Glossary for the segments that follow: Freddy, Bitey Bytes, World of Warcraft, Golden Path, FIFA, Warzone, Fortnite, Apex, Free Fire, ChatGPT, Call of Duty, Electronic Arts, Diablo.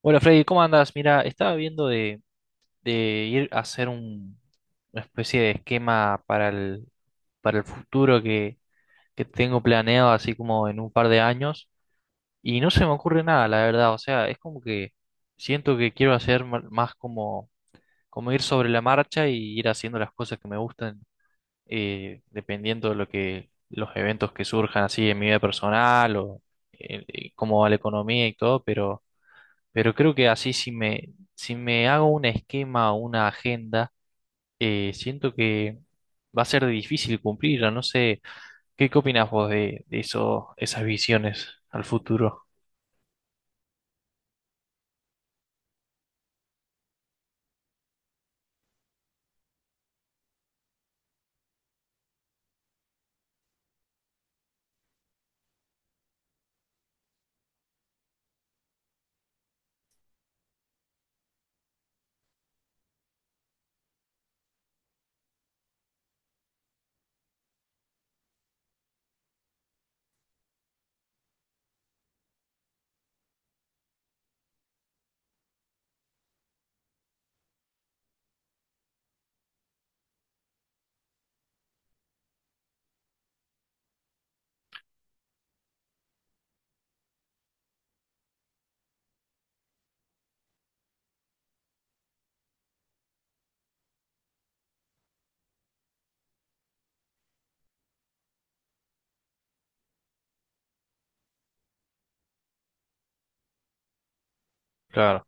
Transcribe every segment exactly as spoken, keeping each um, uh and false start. Hola Freddy, ¿cómo andas? Mira, estaba viendo de, de ir a hacer un- una especie de esquema para el, para el futuro que, que tengo planeado, así como en un par de años, y no se me ocurre nada, la verdad. O sea, es como que siento que quiero hacer ma- más como, como ir sobre la marcha y ir haciendo las cosas que me gustan, eh, dependiendo de lo que, los eventos que surjan así en mi vida personal o eh, eh, cómo va la economía y todo, pero. Pero creo que así si me, si me hago un esquema o una agenda, eh, siento que va a ser difícil cumplirla. No sé, ¿qué, qué opinás vos de, de eso, esas visiones al futuro? Claro.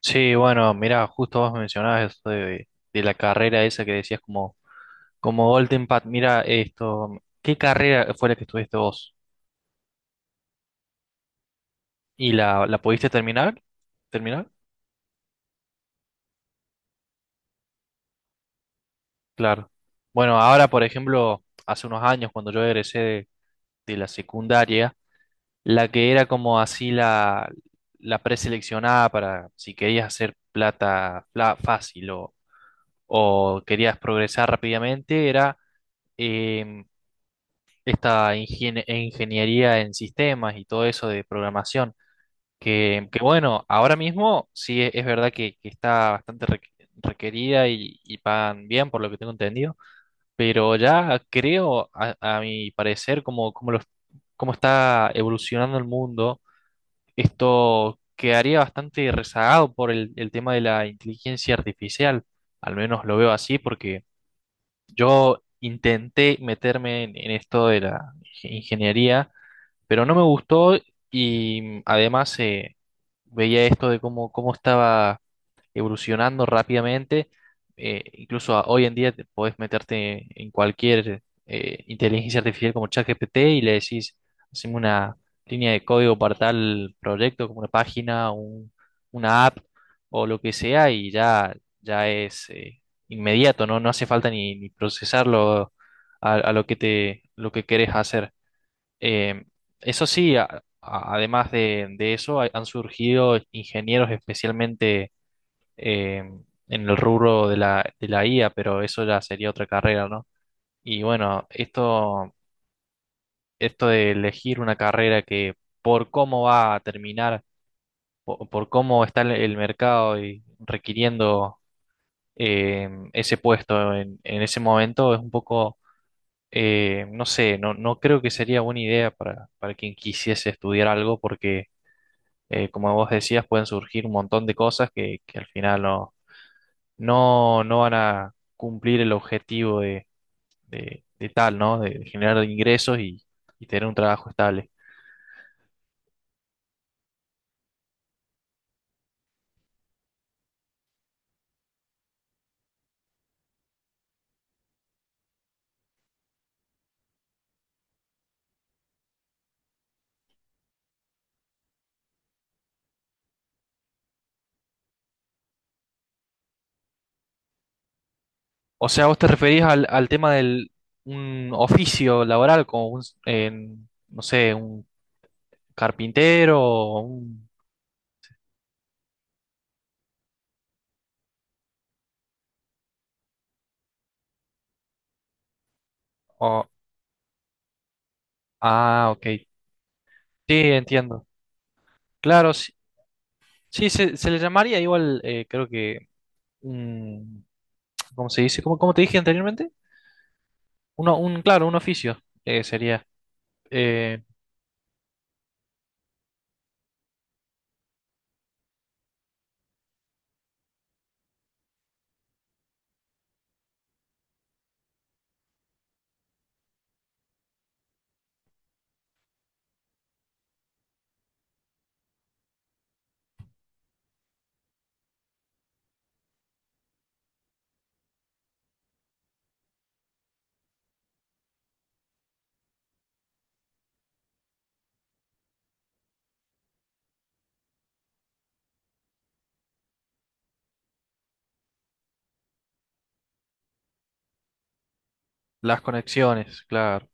Sí, bueno, mirá, justo vos mencionabas eso de, de- la carrera esa que decías como, como Golden Path. Mira esto, ¿qué carrera fue la que estudiaste vos? ¿Y la, la pudiste terminar? ¿Terminar? Claro. Bueno, ahora, por ejemplo, hace unos años cuando yo egresé de de la secundaria, la que era como así la, la preseleccionada para si querías hacer plata fla- fácil o, o querías progresar rápidamente era em, esta ingenie- ingeniería en sistemas y todo eso de programación. Que, que bueno, ahora mismo sí es, es verdad que, que está bastante requ- requerida y, y pagan bien por lo que tengo entendido, pero ya creo, a, a mi parecer, como, como, los- cómo está evolucionando el mundo, esto quedaría bastante rezagado por el, el tema de la inteligencia artificial. Al menos lo veo así porque yo intenté meterme en, en esto de la inge- ingeniería, pero no me gustó y además eh, veía esto de cómo, cómo estaba evolucionando rápidamente. eh, incluso a- hoy en día te podés meterte en cualquier eh, inteligencia artificial como ChatGPT y le decís, haceme una línea de código para tal proyecto, como una página, un- una app o lo que sea, y ya, ya es eh, inmediato, ¿no? No hace falta ni, ni procesarlo a, a lo que te, lo que querés hacer. Eh, eso sí, a- a- además de, de eso, hay- han surgido ingenieros especialmente eh, en el rubro de la, de la I A, pero eso ya sería otra carrera, ¿no? Y bueno, esto, esto de elegir una carrera que por cómo va a terminar, po- por, cómo está el, el mercado y requiriendo eh, ese puesto en, en ese momento, es un poco, eh, no sé, no, no creo que sería buena idea para, para quien quisiese estudiar algo porque... eh, como vos decías, pueden surgir un montón de cosas que, que al final no, no, no van a cumplir el objetivo de, de- de tal, ¿no? De, de generar ingresos y, y tener un trabajo estable. O sea, vos te referís al, al tema del un oficio laboral como un, en, no sé, un carpintero o un... o- ah, ok. Sí, entiendo. Claro, sí, sí, se, se le llamaría igual, eh, creo que un... ¿Cómo se dice? ¿Cómo, cómo te dije anteriormente? Uno, un, claro, un oficio eh, sería. eh, Las conexiones, claro.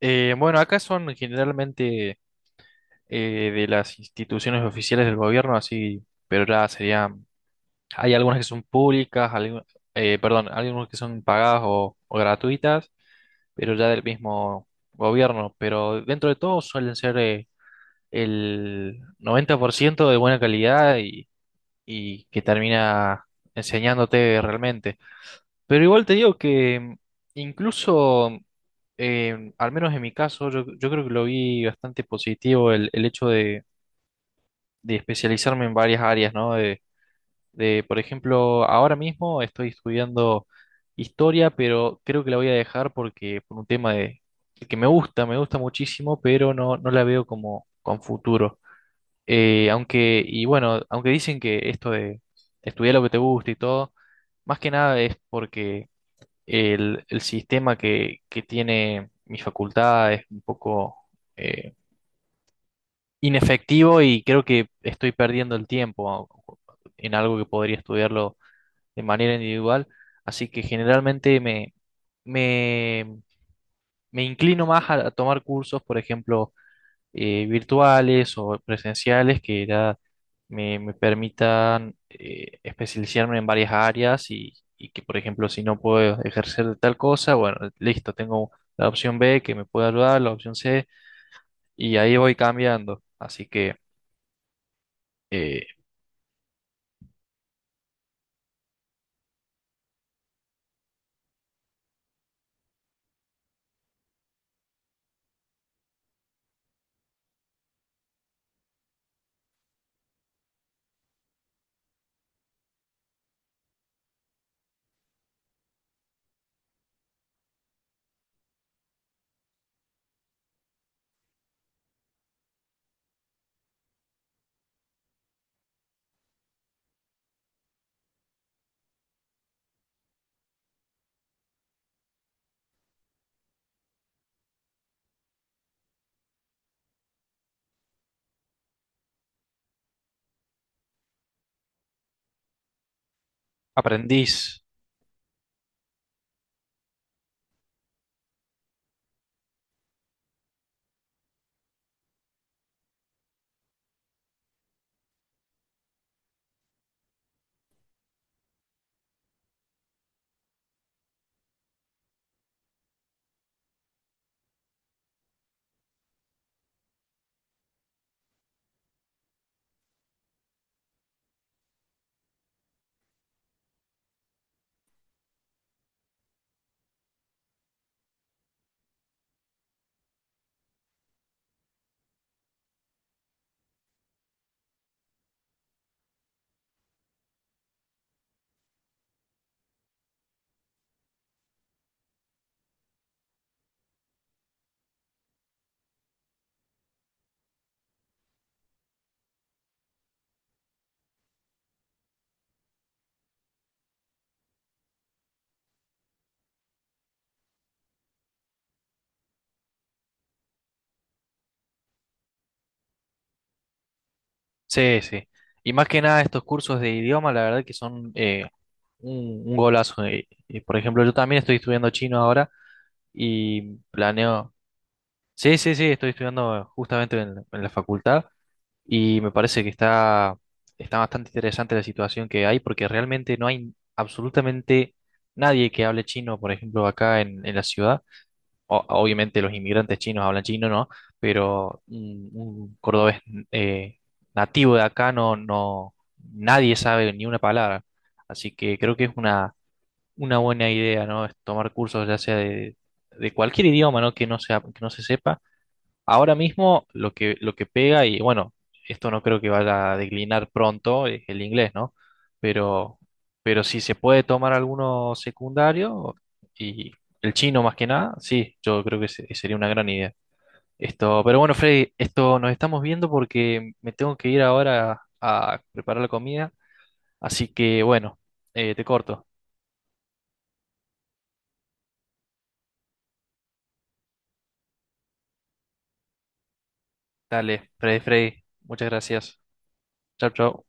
Eh, bueno, acá son generalmente eh, de las instituciones oficiales del gobierno, así, pero ya serían, hay algunas que son públicas, algu- eh, perdón, algunas que son pagadas o, o gratuitas, pero ya del mismo gobierno, pero dentro de todo suelen ser eh, el noventa por ciento de buena calidad y, y que termina enseñándote realmente. Pero igual te digo que incluso, eh, al menos en mi caso, yo, yo creo que lo vi bastante positivo el, el hecho de, de especializarme en varias áreas, ¿no? De, de, por ejemplo, ahora mismo estoy estudiando historia, pero creo que la voy a dejar porque por un tema de de que me gusta, me gusta muchísimo, pero no, no la veo como con futuro. Eh, aunque, y bueno, aunque dicen que esto de estudiar lo que te gusta y todo, más que nada es porque el, el sistema que, que tiene mi facultad es un poco eh, inefectivo y creo que estoy perdiendo el tiempo en algo que podría estudiarlo de manera individual. Así que generalmente me, me, me inclino más a, a tomar cursos, por ejemplo, eh, virtuales o presenciales que ya me, me permitan eh, especializarme en varias áreas y, y que, por ejemplo, si no puedo ejercer de tal cosa, bueno, listo, tengo la opción B que me puede ayudar, la opción C, y ahí voy cambiando. Así que eh, aprendiz, sí, sí. Y más que nada estos cursos de idioma, la verdad que son eh, un, un golazo. eh, eh, por ejemplo, yo también estoy estudiando chino ahora y planeo sí, sí, sí, estoy estudiando justamente en, en la facultad y me parece que está, está bastante interesante la situación que hay porque realmente no hay absolutamente nadie que hable chino, por ejemplo, acá en, en la ciudad. O- obviamente los inmigrantes chinos hablan chino, ¿no? Pero un, un cordobés eh, nativo de acá no, no, nadie sabe ni una palabra. Así que creo que es una, una buena idea, ¿no? Es tomar cursos ya sea de, de cualquier idioma, ¿no? Que no sea, que no se sepa. Ahora mismo lo que, lo que pega, y bueno, esto no creo que vaya a declinar pronto, es el inglés, ¿no? Pero, pero si se puede tomar alguno secundario y el chino más que nada, sí, yo creo que se- sería una gran idea. Esto, pero bueno, Freddy, esto nos estamos viendo porque me tengo que ir ahora a preparar la comida, así que bueno, eh, te corto. Dale, Freddy, Freddy, muchas gracias. Chau, chau.